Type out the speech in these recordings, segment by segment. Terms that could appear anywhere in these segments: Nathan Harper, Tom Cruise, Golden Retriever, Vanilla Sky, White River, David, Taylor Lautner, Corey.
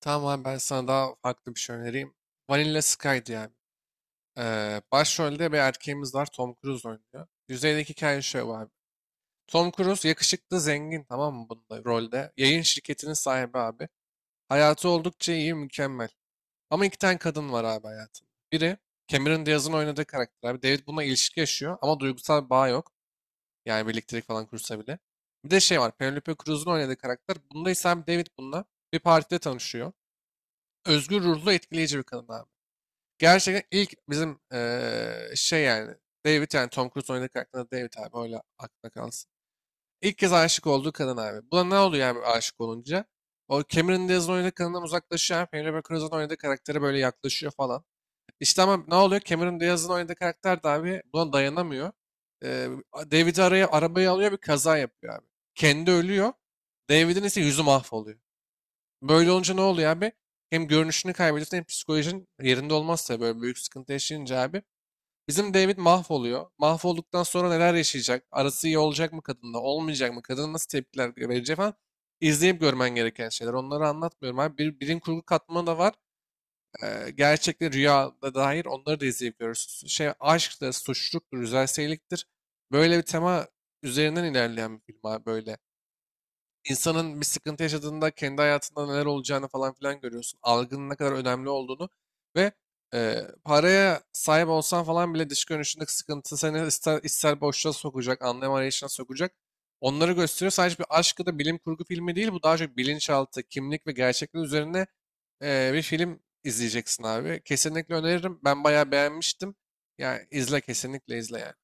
Tamam abi, ben sana daha farklı bir şey önereyim. Vanilla Sky diye abi. Başrolde bir erkeğimiz var. Tom Cruise oynuyor. Yüzeydeki hikaye şöyle abi. Tom Cruise yakışıklı zengin, tamam mı, bunda rolde. Yayın şirketinin sahibi abi. Hayatı oldukça iyi, mükemmel. Ama iki tane kadın var abi hayatında. Biri Cameron Diaz'ın oynadığı karakter abi. David bununla ilişki yaşıyor ama duygusal bir bağ yok. Yani birliktelik falan kursa bile. Bir de şey var, Penelope Cruz'un oynadığı karakter. Bunda ise abi David bununla bir partide tanışıyor. Özgür ruhlu, etkileyici bir kadın abi. Gerçekten ilk bizim şey yani, David yani Tom Cruise oynadığı karakter David abi, öyle aklına kalsın. İlk kez aşık olduğu kadın abi. Buna ne oluyor abi aşık olunca? O Cameron Diaz'ın oynadığı kadından uzaklaşıyor abi. Penelope Cruz'un oynadığı karaktere böyle yaklaşıyor falan. İşte ama ne oluyor? Cameron Diaz'ın oynadığı karakter de abi buna dayanamıyor. Eee David'i arabaya alıyor, bir kaza yapıyor abi. Kendi ölüyor. David'in ise yüzü mahvoluyor. Böyle olunca ne oluyor abi? Hem görünüşünü kaybediyorsun hem psikolojin yerinde olmazsa böyle büyük sıkıntı yaşayınca abi. Bizim David mahvoluyor. Mahvolduktan sonra neler yaşayacak? Arası iyi olacak mı kadınla? Olmayacak mı? Kadın nasıl tepkiler verecek falan. İzleyip görmen gereken şeyler. Onları anlatmıyorum abi. Bir, bilim kurgu katmanı da var. Gerçekte rüya da dair onları da izleyip görürsün. Şey, aşk da suçluluktur, güzel. Böyle bir tema üzerinden ilerleyen bir film abi, böyle insanın bir sıkıntı yaşadığında kendi hayatında neler olacağını falan filan görüyorsun. Algının ne kadar önemli olduğunu ve e, paraya sahip olsan falan bile dış görünüşündeki sıkıntı seni ister ister boşluğa sokacak, anlam arayışına sokacak. Onları gösteriyor. Sadece bir aşk ya da bilim kurgu filmi değil. Bu daha çok bilinçaltı, kimlik ve gerçeklik üzerine bir film izleyeceksin abi. Kesinlikle öneririm. Ben bayağı beğenmiştim. Yani izle, kesinlikle izle yani.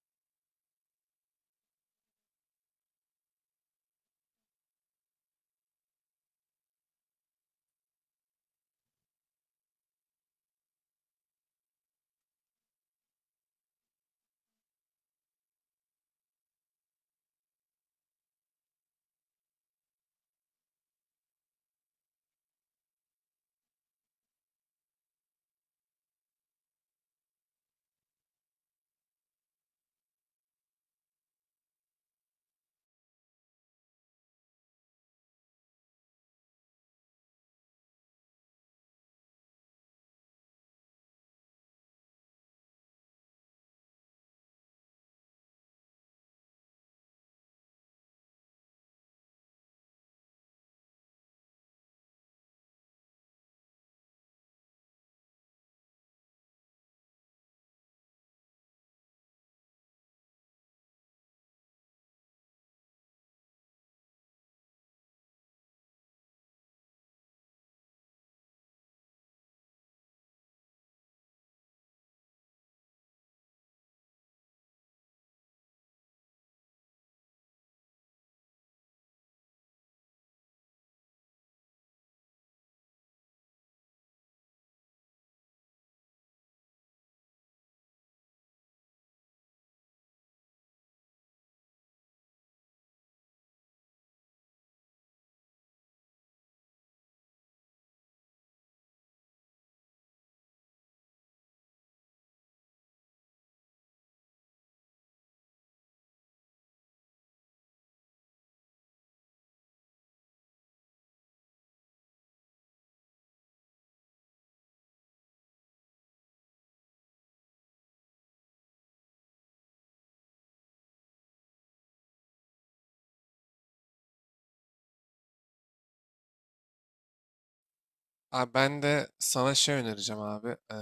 Abi ben de sana şey önereceğim abi.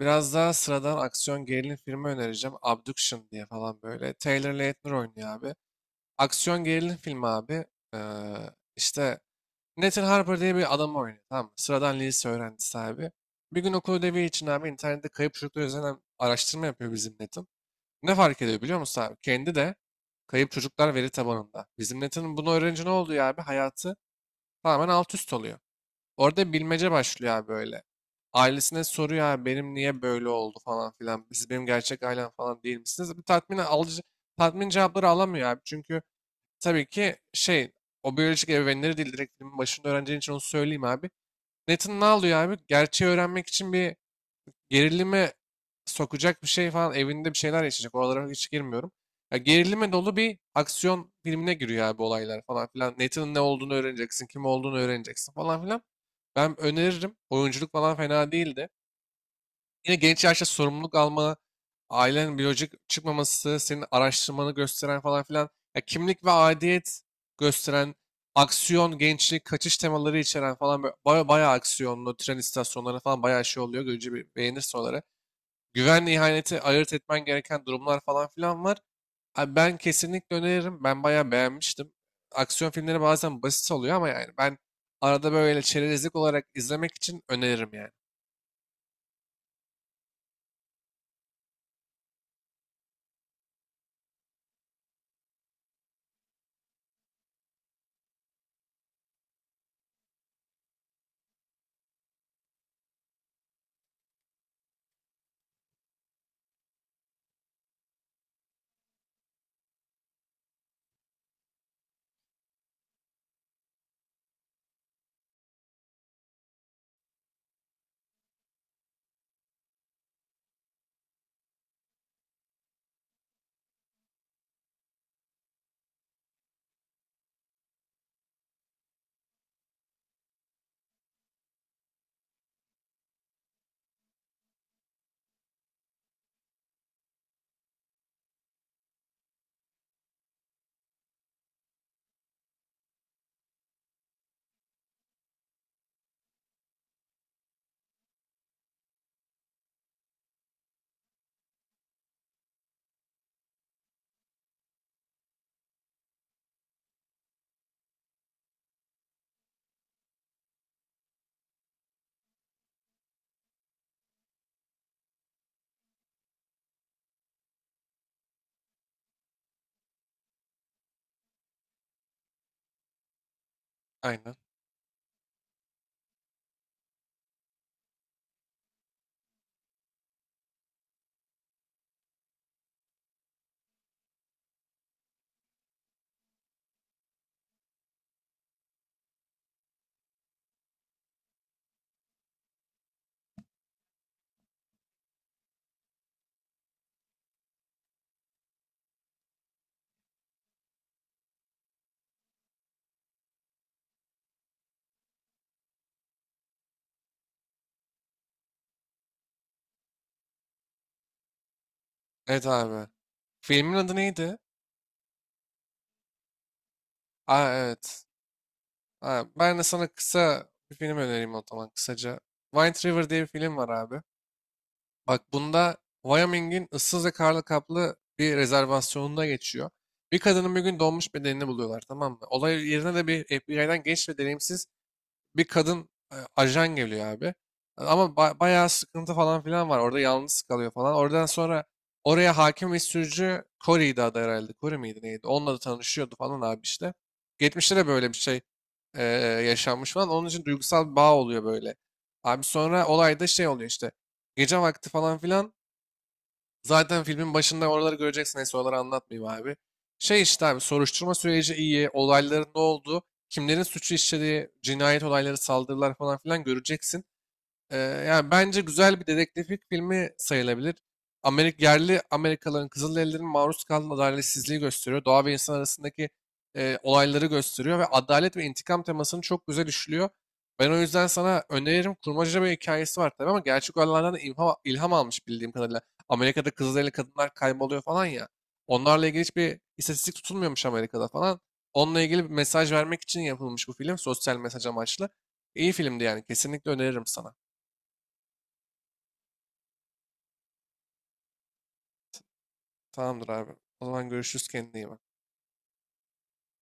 Biraz daha sıradan aksiyon gerilim filmi önereceğim. Abduction diye falan, böyle. Taylor Lautner oynuyor abi. Aksiyon gerilim filmi abi. Ee, işte Nathan Harper diye bir adam oynuyor. Tamam mı? Sıradan lise öğrencisi abi. Bir gün okul ödevi için abi internette kayıp çocuklar üzerine araştırma yapıyor bizim Nathan. Ne fark ediyor biliyor musun abi? Kendi de kayıp çocuklar veri tabanında. Bizim Nathan'ın bunu öğrenince ne oluyor abi? Hayatı tamamen alt üst oluyor. Orada bilmece başlıyor abi böyle. Ailesine soruyor abi, benim niye böyle oldu falan filan. Siz benim gerçek ailem falan değil misiniz? Bu tatmin cevapları alamıyor abi. Çünkü tabii ki şey, o biyolojik ebeveynleri değil, direkt filmin başında öğreneceğin için onu söyleyeyim abi. Nathan ne alıyor abi? Gerçeği öğrenmek için bir gerilime sokacak bir şey falan, evinde bir şeyler yaşayacak. Oralara hiç girmiyorum. Ya gerilime dolu bir aksiyon filmine giriyor abi, olaylar falan filan. Nathan'ın ne olduğunu öğreneceksin, kim olduğunu öğreneceksin falan filan. Ben öneririm. Oyunculuk falan fena değildi. Yine genç yaşta sorumluluk alma, ailenin biyolojik çıkmaması, senin araştırmanı gösteren falan filan. Ya kimlik ve aidiyet gösteren, aksiyon, gençlik, kaçış temaları içeren falan, böyle bayağı aksiyonlu, tren istasyonları falan bayağı şey oluyor. Görünce bir beğenirsin oraları. Güvenle ihaneti ayırt etmen gereken durumlar falan filan var. Abi ben kesinlikle öneririm. Ben bayağı beğenmiştim. Aksiyon filmleri bazen basit oluyor ama yani ben arada böyle çerezlik olarak izlemek için öneririm yani. Aynen. Evet abi. Filmin adı neydi? Aa, evet. Ha, ben de sana kısa bir film önereyim o zaman, kısaca. White River diye bir film var abi. Bak bunda Wyoming'in ıssız ve karlı kaplı bir rezervasyonunda geçiyor. Bir kadının bir gün donmuş bedenini buluyorlar, tamam mı? Olay yerine de bir FBI'den genç ve deneyimsiz bir kadın ajan geliyor abi. Ama bayağı sıkıntı falan filan var. Orada yalnız kalıyor falan. Oradan sonra oraya hakim ve sürücü Corey'di adı herhalde. Corey miydi neydi? Onunla da tanışıyordu falan abi işte. Geçmişte de böyle bir şey e, yaşanmış falan. Onun için duygusal bir bağ oluyor böyle. Abi sonra olayda şey oluyor işte. Gece vakti falan filan, zaten filmin başında oraları göreceksin. Neyse, oraları anlatmayayım abi. Şey işte abi, soruşturma süreci iyi. Olayların ne olduğu, kimlerin suçu işlediği, cinayet olayları, saldırılar falan filan göreceksin. Ee, Yani bence güzel bir dedektiflik filmi sayılabilir. Yerli Amerikalıların, Kızılderililerin maruz kaldığı adaletsizliği gösteriyor. Doğa ve insan arasındaki olayları gösteriyor ve adalet ve intikam temasını çok güzel işliyor. Ben o yüzden sana öneririm. Kurmaca bir hikayesi var tabii ama gerçek olaylardan da ilham almış bildiğim kadarıyla. Amerika'da Kızılderili kadınlar kayboluyor falan ya. Onlarla ilgili hiçbir istatistik tutulmuyormuş Amerika'da falan. Onunla ilgili bir mesaj vermek için yapılmış bu film. Sosyal mesaj amaçlı. İyi filmdi yani. Kesinlikle öneririm sana. Tamamdır abi. O zaman görüşürüz, kendine iyi bak.